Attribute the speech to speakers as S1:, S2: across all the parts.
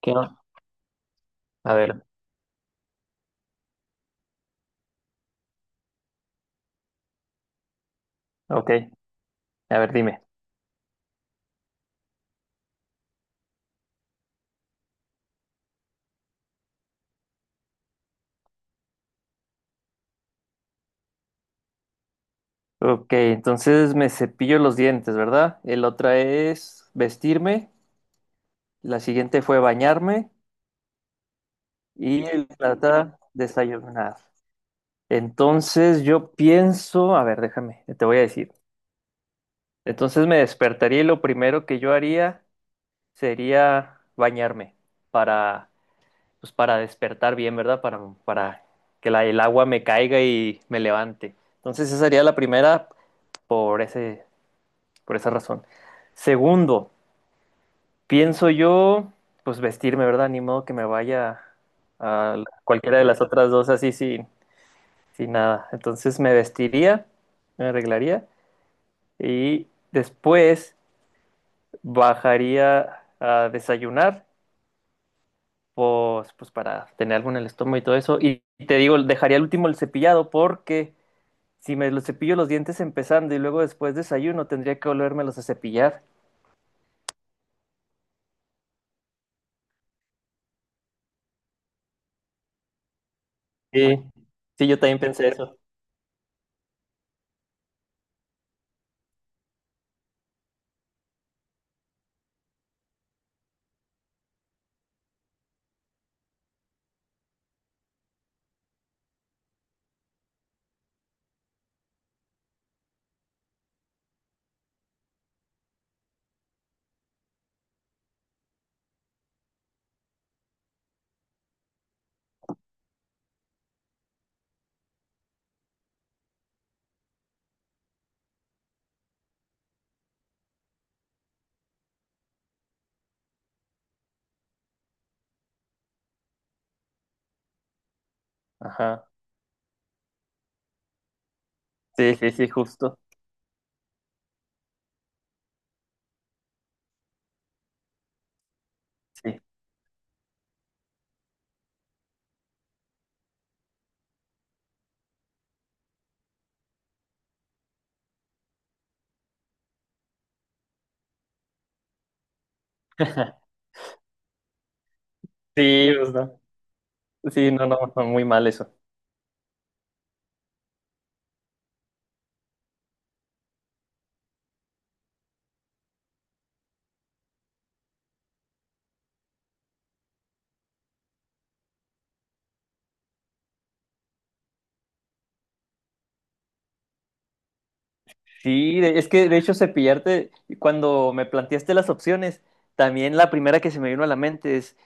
S1: ¿Qué on- A ver, ok, a ver, dime. Ok, entonces me cepillo los dientes, ¿verdad? El otra es vestirme, la siguiente fue bañarme y la otra desayunar. Entonces yo pienso, a ver, déjame, te voy a decir. Entonces me despertaría y lo primero que yo haría sería bañarme para, pues para despertar bien, ¿verdad? Para que el agua me caiga y me levante. Entonces esa sería la primera por ese, por esa razón. Segundo, pienso yo, pues vestirme, ¿verdad? Ni modo que me vaya cualquiera de las otras dos así sin, sin nada. Entonces me vestiría, me arreglaría y después bajaría a desayunar, pues para tener algo en el estómago y todo eso. Y te digo, dejaría al último el cepillado porque si me los cepillo los dientes empezando y luego después desayuno, tendría que volvérmelos a cepillar. Sí, sí, yo también pensé eso. Ajá. Sí, sí, sí, justo. Sí. Sí, justo. Sí, no, no, no, muy mal eso. Sí, es que de hecho cepillarte, cuando me planteaste las opciones, también la primera que se me vino a la mente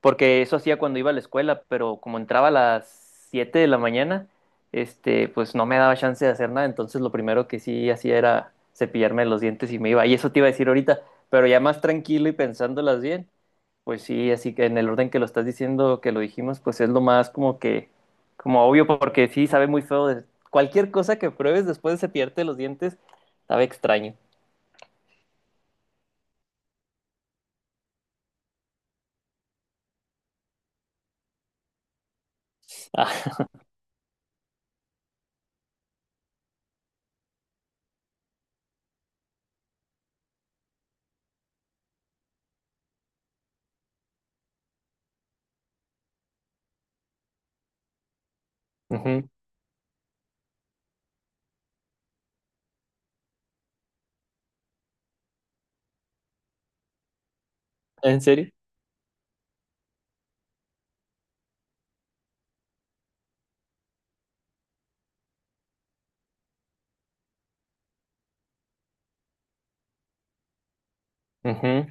S1: porque eso hacía cuando iba a la escuela, pero como entraba a las 7 de la mañana, este, pues no me daba chance de hacer nada, entonces lo primero que sí hacía era cepillarme los dientes y me iba. Y eso te iba a decir ahorita, pero ya más tranquilo y pensándolas bien, pues sí, así que en el orden que lo estás diciendo, que lo dijimos, pues es lo más como obvio, porque sí sabe muy feo. Cualquier cosa que pruebes después de cepillarte los dientes, sabe extraño. Ah, ujú. ¿En serio? Ujú.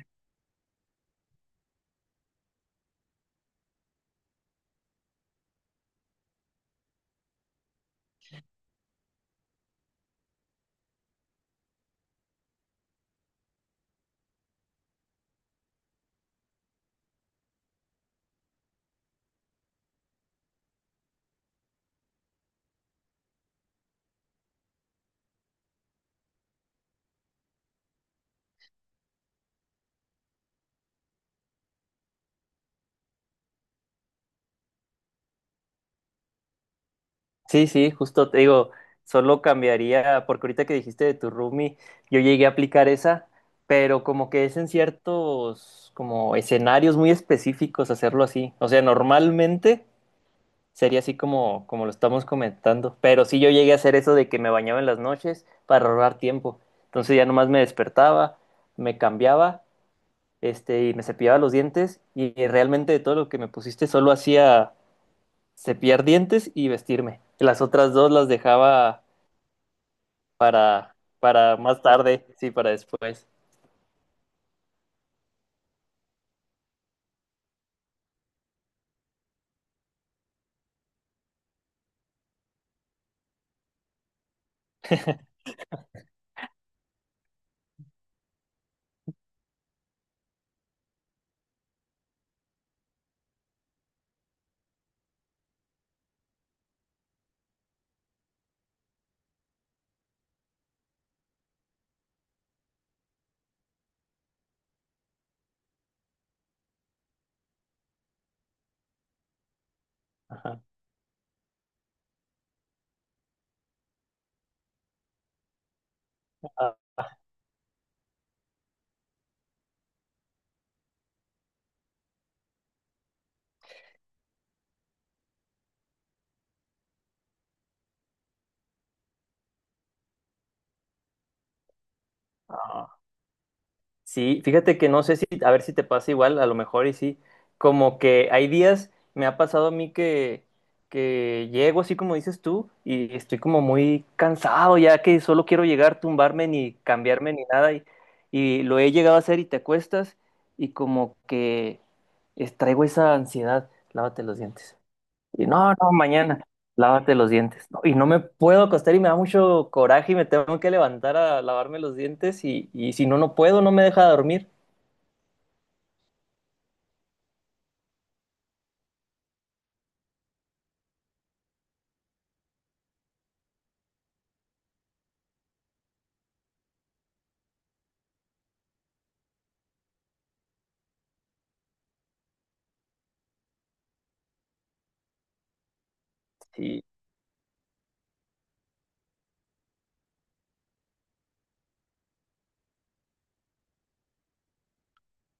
S1: Sí, sí, justo te digo, solo cambiaría, porque ahorita que dijiste de tu roomie, yo llegué a aplicar esa, pero como que es en ciertos como escenarios muy específicos hacerlo así. O sea, normalmente sería así como, como lo estamos comentando. Pero sí yo llegué a hacer eso de que me bañaba en las noches para ahorrar tiempo. Entonces ya nomás me despertaba, me cambiaba, este, y me cepillaba los dientes. Y realmente de todo lo que me pusiste solo hacía cepillar dientes y vestirme. Las otras dos las dejaba para más tarde, sí, para después. Ajá. Sí, fíjate que no sé si, a ver si te pasa igual, a lo mejor y sí, como que hay días, me ha pasado a mí que llego así como dices tú y estoy como muy cansado ya que solo quiero llegar, tumbarme ni cambiarme ni nada y lo he llegado a hacer y te acuestas y como que traigo esa ansiedad, lávate los dientes. Y no, no, mañana, lávate los dientes. No, y no me puedo acostar y me da mucho coraje y me tengo que levantar a lavarme los dientes y si no, no puedo, no me deja dormir. Sí,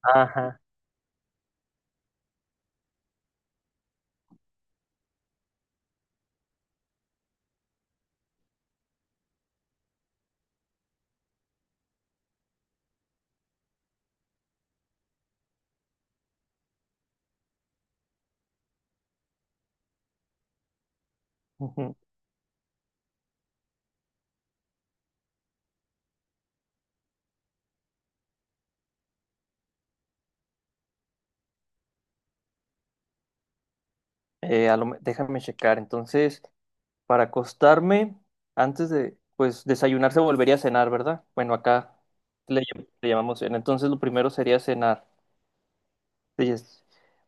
S1: ajá. Ujú. Déjame checar. Entonces, para acostarme, antes de, pues, desayunar se volvería a cenar, ¿verdad? Bueno, acá le llamamos cena. Entonces, lo primero sería cenar. Sí, es-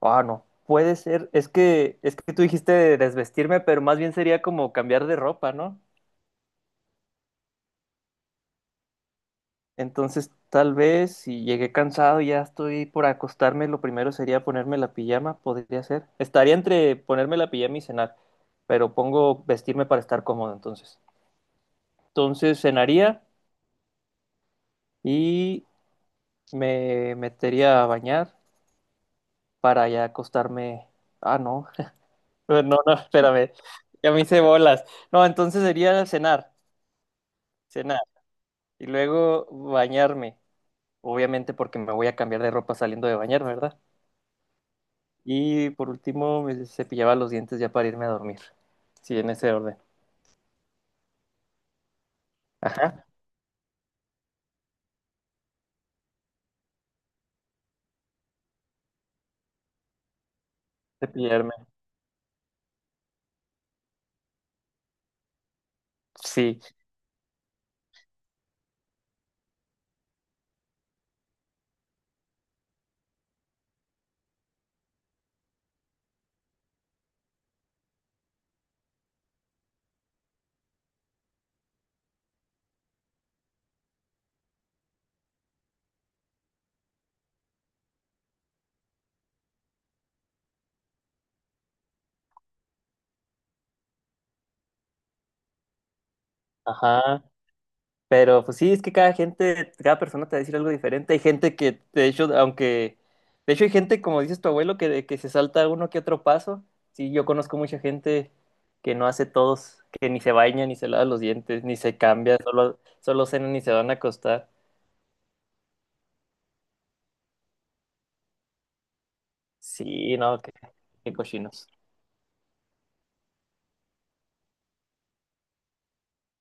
S1: Ah, no. Puede ser, es que tú dijiste desvestirme, pero más bien sería como cambiar de ropa, ¿no? Entonces, tal vez si llegué cansado y ya estoy por acostarme, lo primero sería ponerme la pijama, podría ser. Estaría entre ponerme la pijama y cenar, pero pongo vestirme para estar cómodo entonces. Entonces, cenaría y me metería a bañar para ya acostarme. Ah, no, no, no, espérame, ya me hice bolas. No, entonces sería cenar y luego bañarme, obviamente porque me voy a cambiar de ropa saliendo de bañar, ¿verdad? Y por último, me cepillaba los dientes ya para irme a dormir. Sí, en ese orden. Ajá, cepillarme. Sí, ajá. Pero pues sí, es que cada gente, cada persona te va a decir algo diferente. Hay gente que, de hecho, aunque, de hecho hay gente, como dices tu abuelo, que se salta uno que otro paso. Sí, yo conozco mucha gente que no hace todos, que ni se baña, ni se lava los dientes, ni se cambia, solo cenan y se van a acostar. Sí, no, qué, qué cochinos.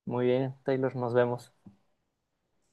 S1: Muy bien, Taylor, nos vemos.